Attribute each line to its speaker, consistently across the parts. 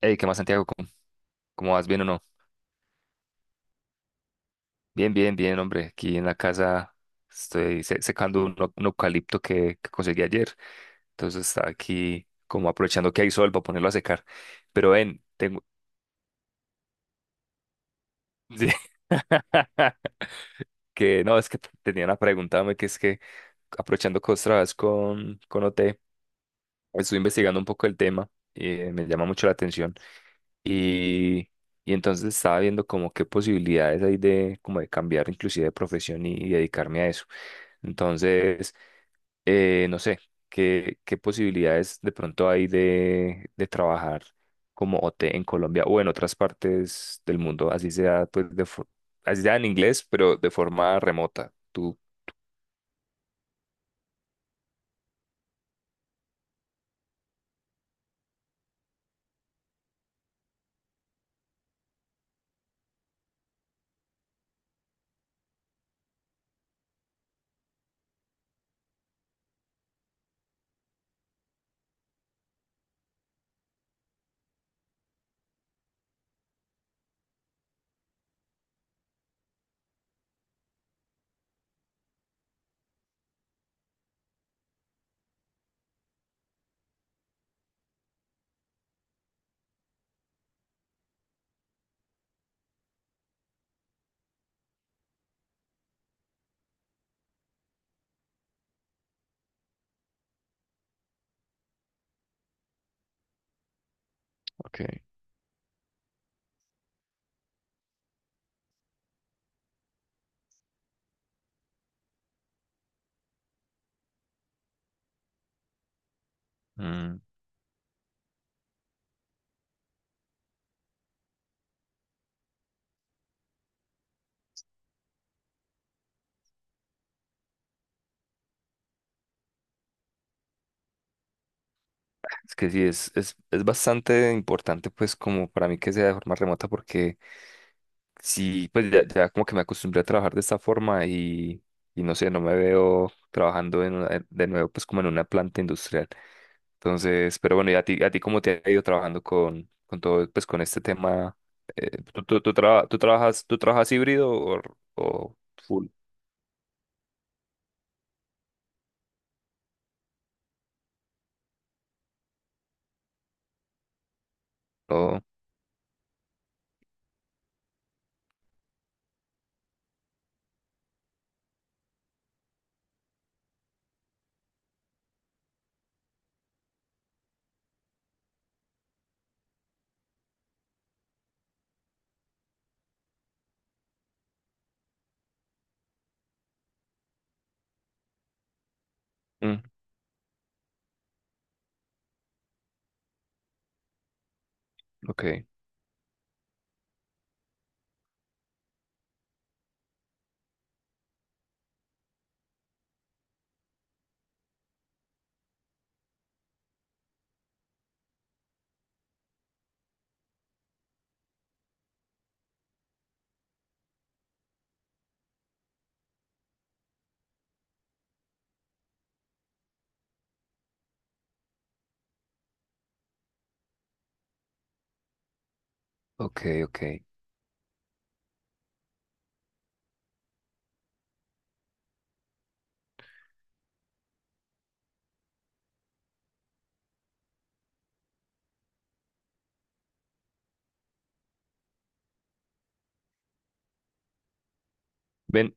Speaker 1: Hey, ¿qué más, Santiago? ¿Cómo vas? ¿Bien o no? Bien, bien, bien, hombre. Aquí en la casa estoy secando un eucalipto que conseguí ayer. Entonces está aquí como aprovechando que hay sol para ponerlo a secar. Pero ven, tengo... Sí. Que no, es que tenía una pregunta, hombre, que es que aprovechando que vos trabajas con OT, estoy investigando un poco el tema y me llama mucho la atención. Y, y entonces estaba viendo como qué posibilidades hay de, como de cambiar inclusive de profesión y dedicarme a eso. Entonces, no sé, qué posibilidades de pronto hay de trabajar como OT en Colombia o en otras partes del mundo, así sea, pues, así sea en inglés, pero de forma remota. Tú, ok. Mm, es que sí, es bastante importante pues como para mí que sea de forma remota porque... sí, pues ya como que me acostumbré a trabajar de esta forma y no sé, no me veo trabajando de nuevo pues como en una planta industrial. Entonces, pero bueno, ¿y a ti cómo te ha ido trabajando con todo, pues con este tema? ¿Tú trabajas híbrido o full? O, mm, ok, ok, ok. Ven,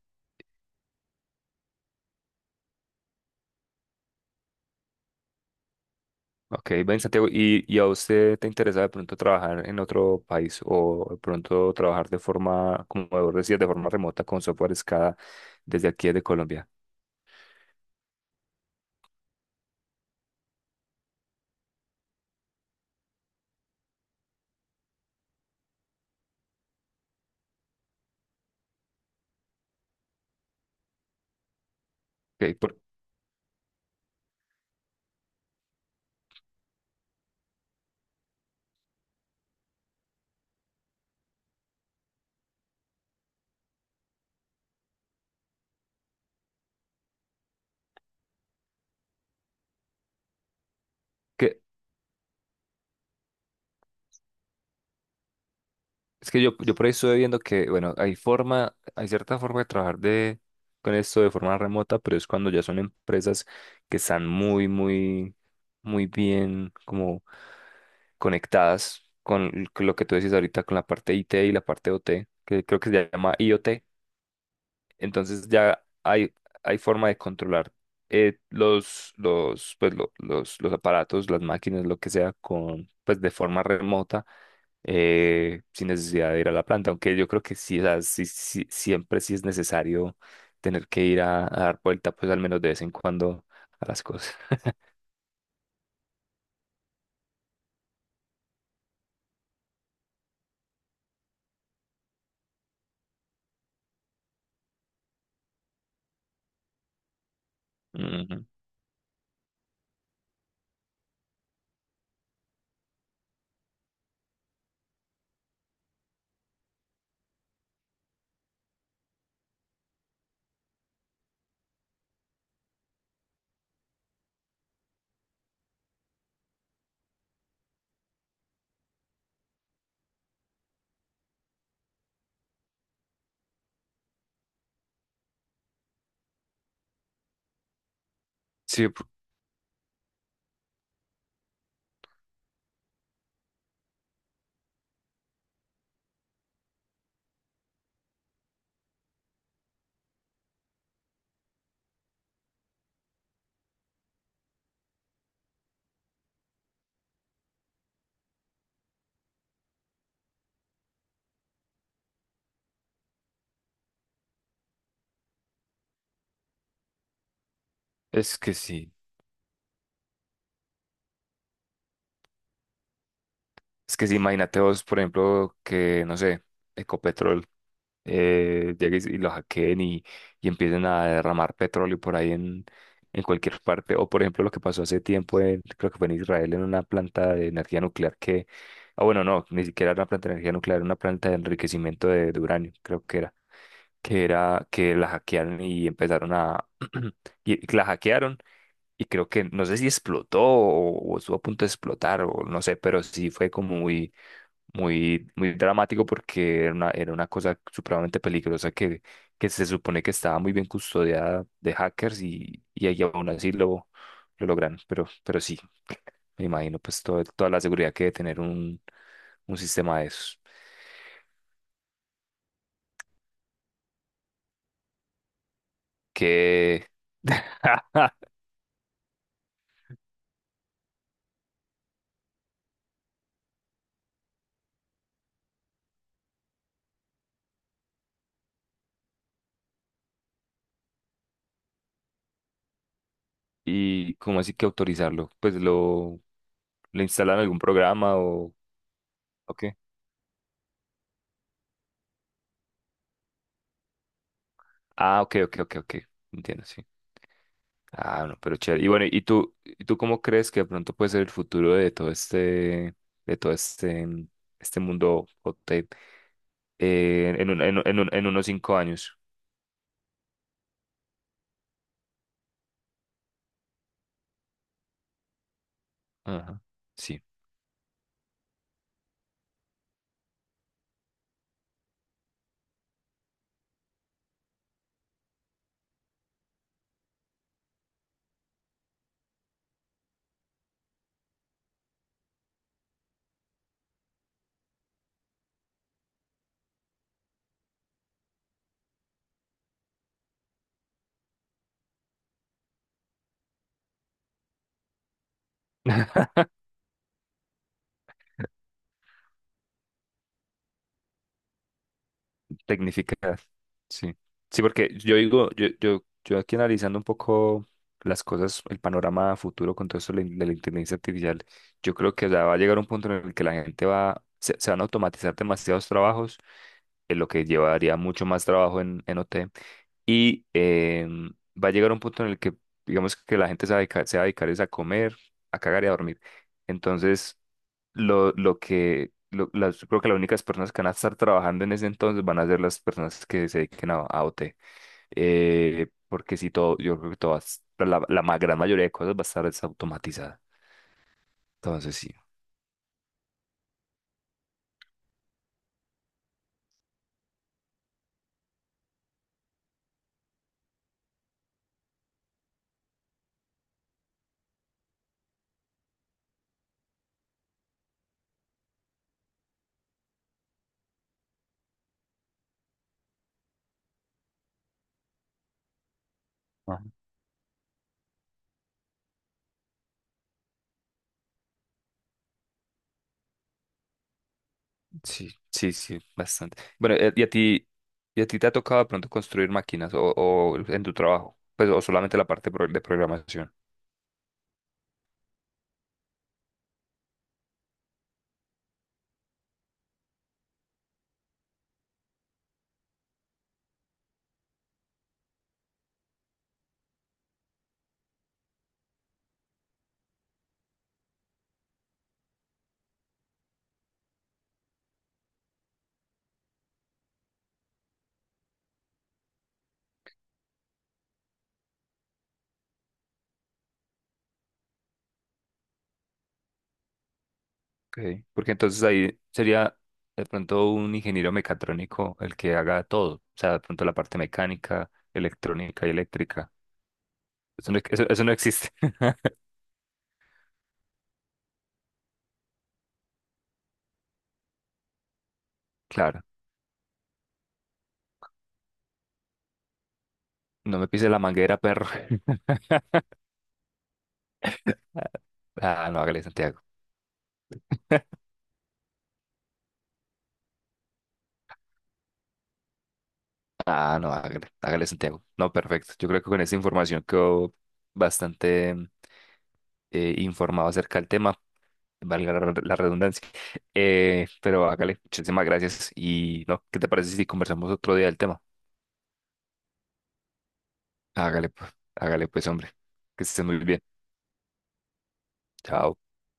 Speaker 1: ok, ven Santiago, y a usted te interesa de pronto trabajar en otro país o de pronto trabajar de forma, como vos decías, de forma remota con software SCADA desde aquí de Colombia? Ok, porque es que yo por ahí estoy viendo que, bueno, hay forma, hay cierta forma de trabajar de, con esto de forma remota, pero es cuando ya son empresas que están muy bien como conectadas con con lo que tú decís ahorita, con la parte IT y la parte OT, que creo que se llama IoT. Entonces ya hay forma de controlar los aparatos, las máquinas, lo que sea, con, pues, de forma remota, sin necesidad de ir a la planta. Aunque yo creo que sí, o sea, siempre sí es necesario tener que ir a dar vuelta, pues al menos de vez en cuando a las cosas. Ujú. Sí, es que sí. Es que sí, imagínate vos, por ejemplo, que, no sé, Ecopetrol llegue y lo hackeen y empiecen a derramar petróleo por ahí en cualquier parte. O por ejemplo lo que pasó hace tiempo, creo que fue en Israel, en una planta de energía nuclear que, ah bueno, no, ni siquiera era una planta de energía nuclear, era una planta de enriquecimiento de uranio, creo que era, que era que la hackearon y empezaron a, y la hackearon. Y creo que, no sé si explotó o estuvo a punto de explotar o no sé, pero sí fue como muy dramático porque era una cosa supremamente peligrosa que se supone que estaba muy bien custodiada de hackers y ahí aún así lo logran. Pero sí, me imagino pues toda la seguridad que debe tener un sistema de esos. Que... ¿Y cómo así que autorizarlo? Pues lo, le instalan algún programa o... Ok. Ah, ok, ok, ok, ok. Entiendo, sí. Ah, no, pero chévere. Y bueno, y tú cómo crees que de pronto puede ser el futuro de todo este, este mundo hot tech, en unos 5 años? Ajá, sí. Tecnificar, sí. Sí, porque yo digo, yo aquí analizando un poco las cosas, el panorama futuro con todo esto de la de la inteligencia artificial, yo creo que ya va a llegar un punto en el que la gente va, se van a automatizar demasiados trabajos, en lo que llevaría mucho más trabajo en OT. Y em, va a llegar un punto en el que, digamos que la gente se va a dedicar, se va a dedicar es a comer, a cagar y a dormir. Entonces, lo que, lo- las, yo creo que las únicas personas que van a estar trabajando en ese entonces van a ser las personas que se dediquen a OT. Porque si todo, yo creo que todas, gran mayoría de cosas va a estar desautomatizada. Entonces, sí. Sí, sí, sí, bastante. Bueno, y a ti te ha tocado de pronto construir máquinas o en tu trabajo? Pues, o solamente la parte de programación. Okay. Porque entonces ahí sería de pronto un ingeniero mecatrónico el que haga todo. O sea, de pronto la parte mecánica, electrónica y eléctrica. Eso no, eso no existe. Claro. No me pise la manguera, perro. Ah, no, hágale, Santiago. Ah, no, hágale, hágale, Santiago. No, perfecto. Yo creo que con esa información quedó bastante. Eh, informado acerca del tema, valga la redundancia. Pero hágale, muchísimas gracias. Y no, ¿qué te parece si conversamos otro día del tema? Hágale pues, hombre, que estés muy bien. Chao.